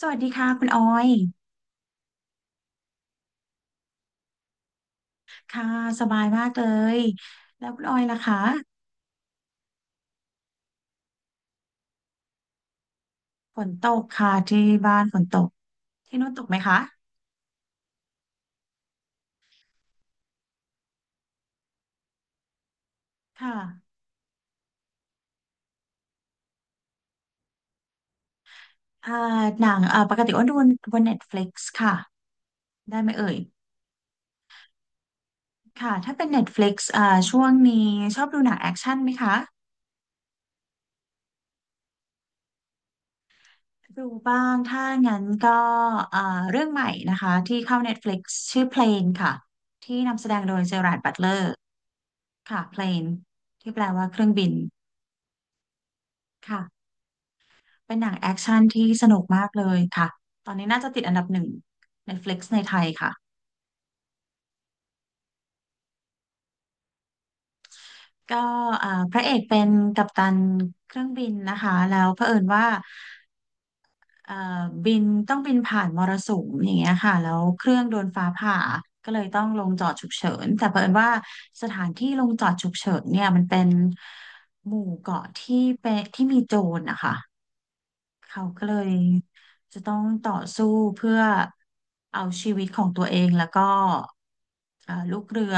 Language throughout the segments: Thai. สวัสดีค่ะคุณออย ค่ะสบายมากเลย แล้วคุณออยล่ะคะฝนตกค่ะที่บ้านฝนตก ที่นู้นตกไหมคะค่ะอ่าหนังปกติอ้วนดูบน Netflix ค่ะ ได้ไหมเอ่ยค่ะถ้าเป็น Netflix ช่วงนี้ชอบดูหนังแอคชั่นไหมคะ ดูบ้าง ถ้างั้นก็อ่าเรื่องใหม่นะคะที่เข้า Netflix ชื่อ Plane ค่ะ ที่นำแสดงโดยเจอราร์ดบัตเลอร์ ค่ะ Plane ที่แปลว่าเครื่องบิน ค่ะ เป็นหนังแอคชั่นที่สนุกมากเลยค่ะตอนนี้น่าจะติดอันดับหนึ่ง Netflix ในไทยค่ะก็พระเอกเป็นกัปตันเครื่องบินนะคะแล้วเผอิญว่าเอ่อบินต้องบินผ่านมรสุมอย่างเงี้ยค่ะแล้วเครื่องโดนฟ้าผ่าก็เลยต้องลงจอดฉุกเฉินแต่เผอิญว่าสถานที่ลงจอดฉุกเฉินเนี่ยมันเป็นหมู่เกาะที่เป็นที่มีโจรนะคะ เขาก็เลยจะต้องต่อสู้เพื่อเอาชีวิตของตัวเองแล้วก็ลูกเรือ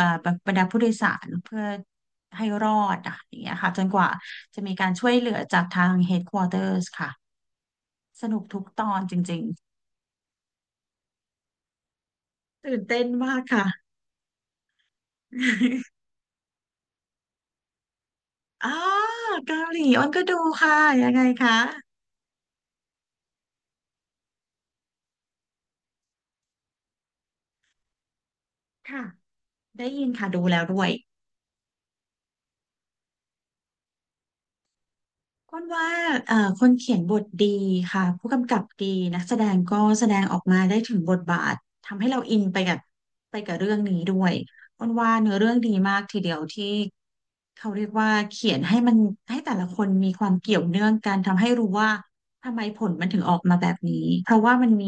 บรรดาผู้โดยสารเพื่อให้รอดอ่ะอย่างเงี้ยค่ะจนกว่าจะมีการช่วยเหลือจากทาง headquarters ค่ะสนุกทุกตอนจริงๆตื่นเต้นมากค่ะ อ๋อเกาหลีอ้นก็ดูค่ะยังไงคะค่ะได้ยินค่ะดูแล้วด้วย ก้นว่าคนเขียนบทดีค่ะผู้กำกับดีนักแสดงก็แสดงออกมาได้ถึงบทบาททำให้เราอินไปกับเรื่องนี้ด้วยก้นว่าเนื้อเรื่องดีมากทีเดียวที่เขาเรียกว่าเขียนให้มันให้แต่ละคนมีความเกี่ยวเนื่องกันทำให้รู้ว่าทำไมผลมันถึงออกมาแบบนี้เพราะว่ามันมี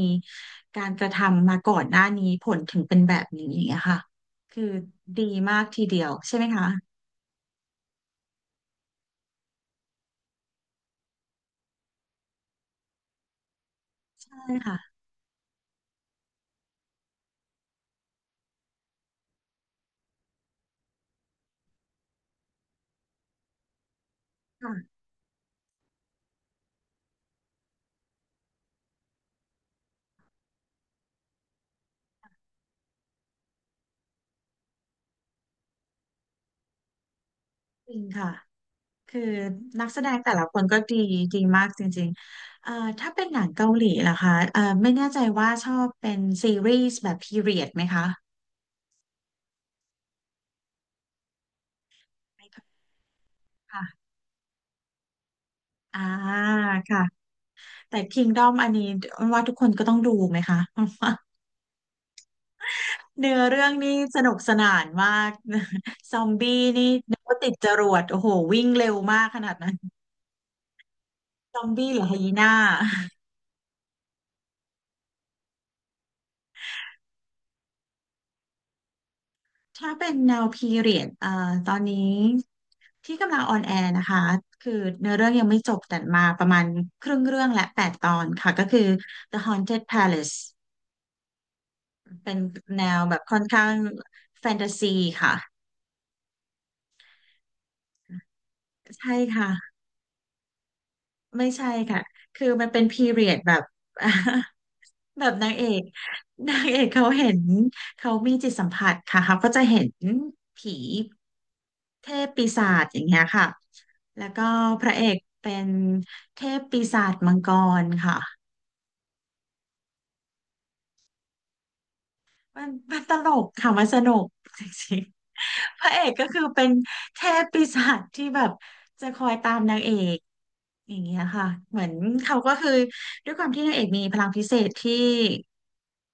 การกระทำมาก่อนหน้านี้ผลถึงเป็นแบบนี้อย่างเงี้ยค่ะคือดีมากทีเดียวใช่ไหมคะใช่ค่ะค่ะจริงค่ะ คือนักแสดงแต่ละคนก็ดีดีมากจริงๆถ้าเป็นหนังเกาหลีล่ะคะไม่แน่ใจว่าชอบเป็นซีรีส์แบบพีเรียดไหมคะ ไม่ค่อยค่ะอ่าค่ะ แต่ Kingdom อันนี้ว่าทุกคนก็ต้องดูไหมคะ เนื้อเรื่องนี่สนุกสนานมาก ซอมบี้นี่นึกว่าติดจรวดโอ้โหวิ่งเร็วมากขนาดนั้นซอมบี้หรือไฮยีน่า ถ้าเป็นแนวพีเรียดตอนนี้ที่กำลังออนแอร์นะคะคือเนื้อเรื่องยังไม่จบแต่มาประมาณครึ่งเรื่องและแปดตอนค่ะก็คือ The Haunted Palace เป็นแนวแบบค่อนข้างแฟนตาซีค่ะใช่ค่ะไม่ใช่ค่ะคือมันเป็นพีเรียดแบบ แบบนางเอก นางเอกเขาเห็นเขามีจิตสัมผัสค่ะเขาก็จะเห็นผีเทพปีศาจอย่างเงี้ยค่ะแล้วก็พระเอกเป็นเทพปีศาจมังกรค่ะมันมันตลกค่ะมันสนุกจริงๆพระเอกก็คือเป็นเทพปีศาจที่แบบจะคอยตามนางเอกอย่างเงี้ยค่ะเหมือนเขาก็คือด้วยความที่นางเอกมีพลังพิเศษที่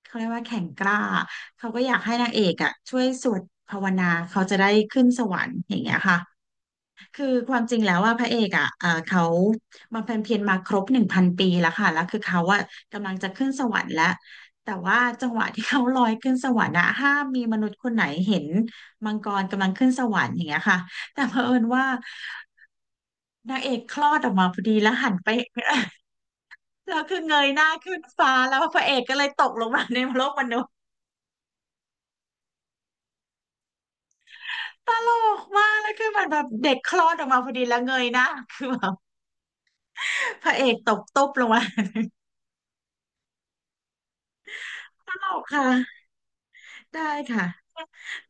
เขาเรียกว่าแข่งกล้า เขาก็อยากให้นางเอกอ่ะช่วยสวดภาวนาเขาจะได้ขึ้นสวรรค์อย่างเงี้ยค่ะคือความจริงแล้วว่าพระเอกอ่ะเขาบำเพ็ญเพียรมาครบหนึ่งพันปีแล้วค่ะแล้วคือเขาอ่ะกำลังจะขึ้นสวรรค์แล้วแต่ว่าจังหวะที่เขาลอยขึ้นสวรรค์อะห้ามมีมนุษย์คนไหนเห็นมังกรกำลังขึ้นสวรรค์อย่างเงี้ยค่ะแต่เผอิญว่านางเอกคลอดออกมาพอดีแล้วหันไป แล้วคือเงยหน้าขึ้นฟ้าแล้วพระเอกก็เลยตกลงมาในโลกมนุ ตลกมากแล้วคือเหมันแบบเด็กคลอดออกมาพอดีแล้วเงยหน้า คือแบบพระเอกตกตุ๊บลงมา ตลกค่ะได้ค่ะ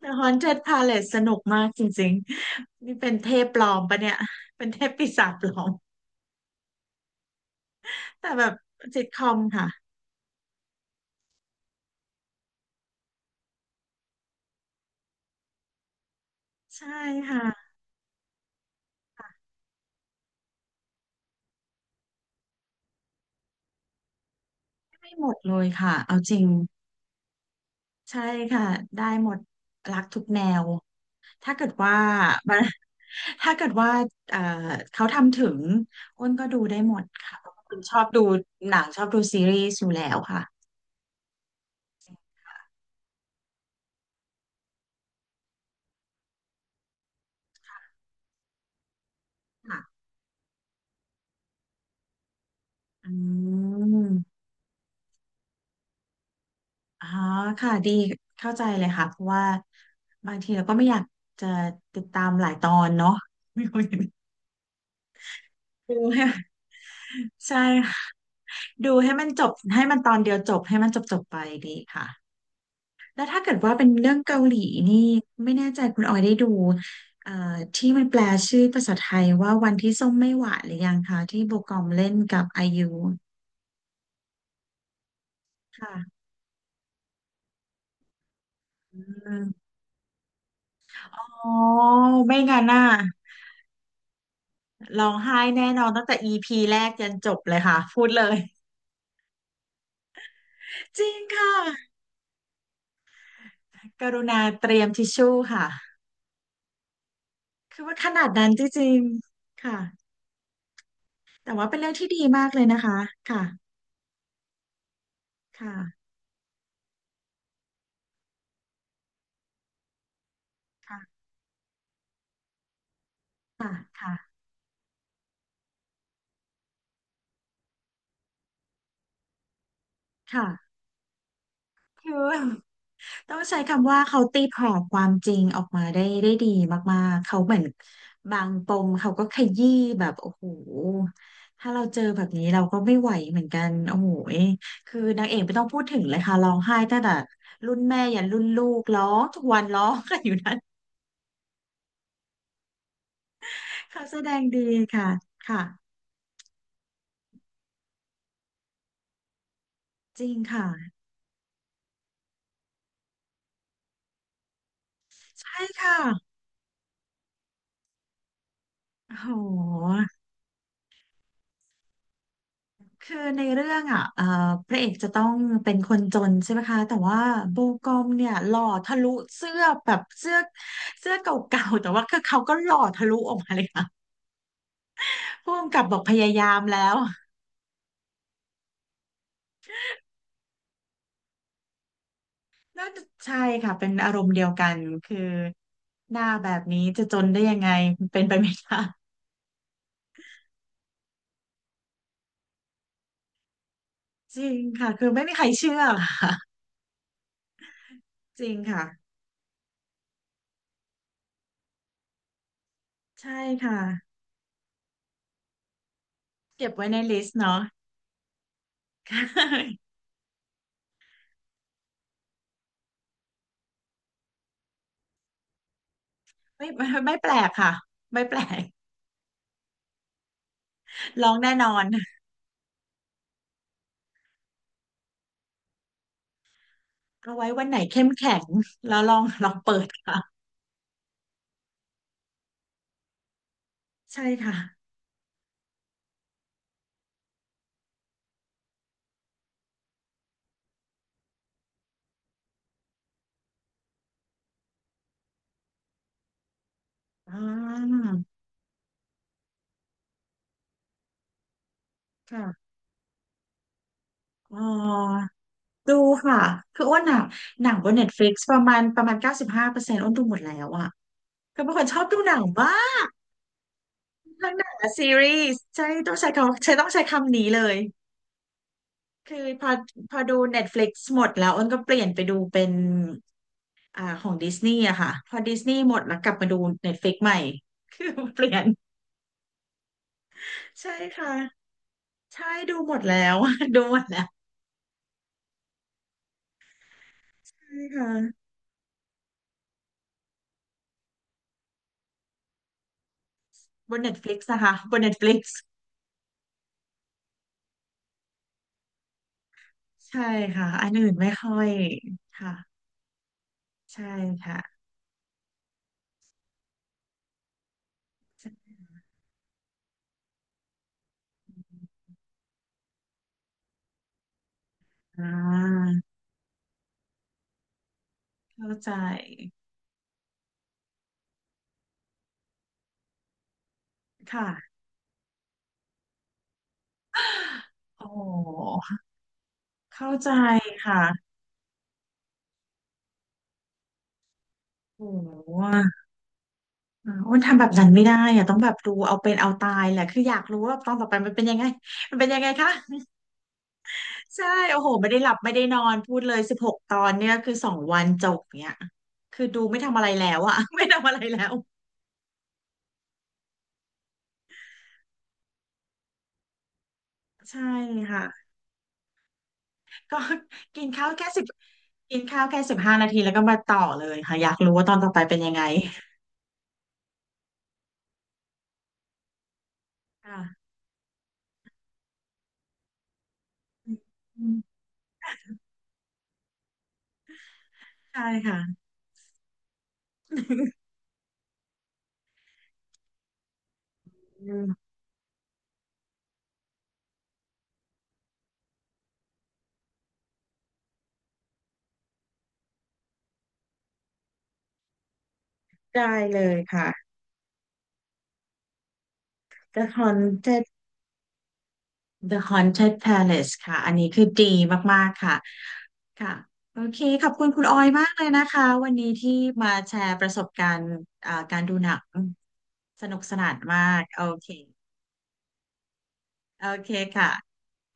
The Haunted Palace สนุกมากจริงๆนี่เป็นเทพปลอมปะเนี่ย เป็นเทพปีศาจปลอมแต่แบบซิทคอมค่ะใช่ค่ะไม่หมดเลยค่ะเอาจริงใช่ค่ะได้หมดรักทุกแนว ถ้าเกิดว่า มันถ้าเกิดว่าเอ่อเขาทำถึงอ้นก็ดูได้หมดค่ะเพราะว่าคุณชอบดูหนังชอบดูซีรีส์อยู่แล้วค่ะค่ะอืมอ๋อค่ะดีเข้าใจเลยค่ะเพราะว่าบางทีเราก็ไม่อยากจะติดตามหลายตอนเนาะ ไม่ค่อยดูให้ ใช่ค่ะดูให้มันจบให้มันตอนเดียวจบให้มันจบจบไปดีค่ะ แล้วถ้าเกิดว่าเป็นเรื่องเกาหลีนี่ไม่แน่ใจคุณออยได้ดูเอ่อที่มันแปลชื่อภาษาไทยว่าวันที่ส้มไม่หวานหรือยังคะที่โบกอมเล่นกับไอยูค่ะอืมอ๋อไม่งั้นน่ะร้องไห้แน่นอนตั้งแต่ EP แรกยันจบเลยค่ะพูดเลยจริงค่ะกรุณาเตรียมทิชชู่ค่ะคือว่าขนาดนั้นจริงๆค่ะแต่ว่าเป็นเรื่องที่ดีมากเลยนะคะค่ะค่ะค่ะค่ะค่ะค่ะคือ ต้องใช้คำว่าเขาตีแผ่ความจริงออกมาได้ดีมากๆ เขาเหมือนบางปมเขาก็ขยี้แบบโอ้โหถ้าเราเจอแบบนี้เราก็ไม่ไหวเหมือนกัน โอ้โหยคือนางเอกไม่ต้องพูดถึงเลยค่ะร้องไห้ตั้งแต่รุ่นแม่ยันรุ่นลูกร้องทุกวันร้องกันอยู่นั้นเขาแสดงดีค่ะ ค่ะ จริงค่ะใช่ค่ะโอ้โห คือในเรื่องอ่ะพระเอกจะต้องเป็นคนจนใช่ไหมคะแต่ว่าโบกอมเนี่ยหล่อทะลุเสื้อแบบเสื้อเสื้อเก่าๆแต่ว่าคือเขาก็หล่อทะลุออกมาเลยค่ะผู้กำกับบอกพยายามแล้ว น่าจะใช่ค่ะเป็นอารมณ์เดียวกันคือหน้าแบบนี้จะจนได้ยังไงเป็นไปไม่ได้จริงค่ะ คือไม่มีใครเชื่อค่ะจริงค่ะ ใช่ค่ะ เก็บไว้ในลิสต์เนาะ ไม่แปลกค่ะไม่แปลกร้องแน่นอน เอาไว้วันไหนเข้มแข็งแล้วลอง ลองเปิดค่ะใช่ค่ะอ่าค่ะอ๋อดูค่ะคืออ้วนอะหนังบนเน็ตฟลิกซ์ประมาณ95%อ้วนดูหมดแล้วอะก็เป็นคนชอบดูหนังมากทั้งหนังและซีรีส์ใช่ต้องใช้คำใช้ต้องใช้คำนี้เลยคือพอดู Netflix หมดแล้วอ้นก็เปลี่ยนไปดูเป็นอ่าของดิสนีย์อะค่ะพอดิสนีย์หมดแล้วกลับมาดู Netflix ใหม่ คือเปลี่ยนใช่ค่ะ ใช่ดูหมดแล้ว ดูหมดแล้วใช่ค่ะบน n e t f ฟลิกซ์นะคะบน NETF ฟลิกซ์ใช่ค่ะอันอื่นไม่ค่อยค่ะใช่ค่ะอ่าเข้าใจค่ะโอ้เข้าใจค่ะโอ้หอ่าอ้วนทำแบบนั้นไม่ได้อะต้องแบบดูเอาเป็นเอาตายแหละคืออยากรู้ว่าตอนต่อไปมันเป็นยังไงมันเป็นยังไงคะใช่โอ้โหไม่ได้หลับไม่ได้นอนพูดเลย16 ตอนเนี่ยคือสองวันจบเนี่ยคือดูไม่ทำอะไรแล้วอะ ไม่ทำอะไรแล้ว ใช่ค่ะก็ กินข้าวแค่สิบกินข้าวแค่15 นาทีแล้วก็มาต่อเลยค่ะอยากรู้ว่าตอนต่อไปเป็นยังไงค่ะอืมใช่ค่ะ อืมได้เลยค่ะ The Haunted The Haunted Palace ค่ะอันนี้คือดีมากๆค่ะค่ะโอเคขอบคุณคุณออยมากเลยนะคะวันนี้ที่มาแชร์ประสบการณ์อ่าการดูหนังสนุกสนานมากโอเคโอเคค่ะ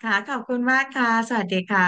ค่ะขอบคุณมากค่ะสวัสดีค่ะ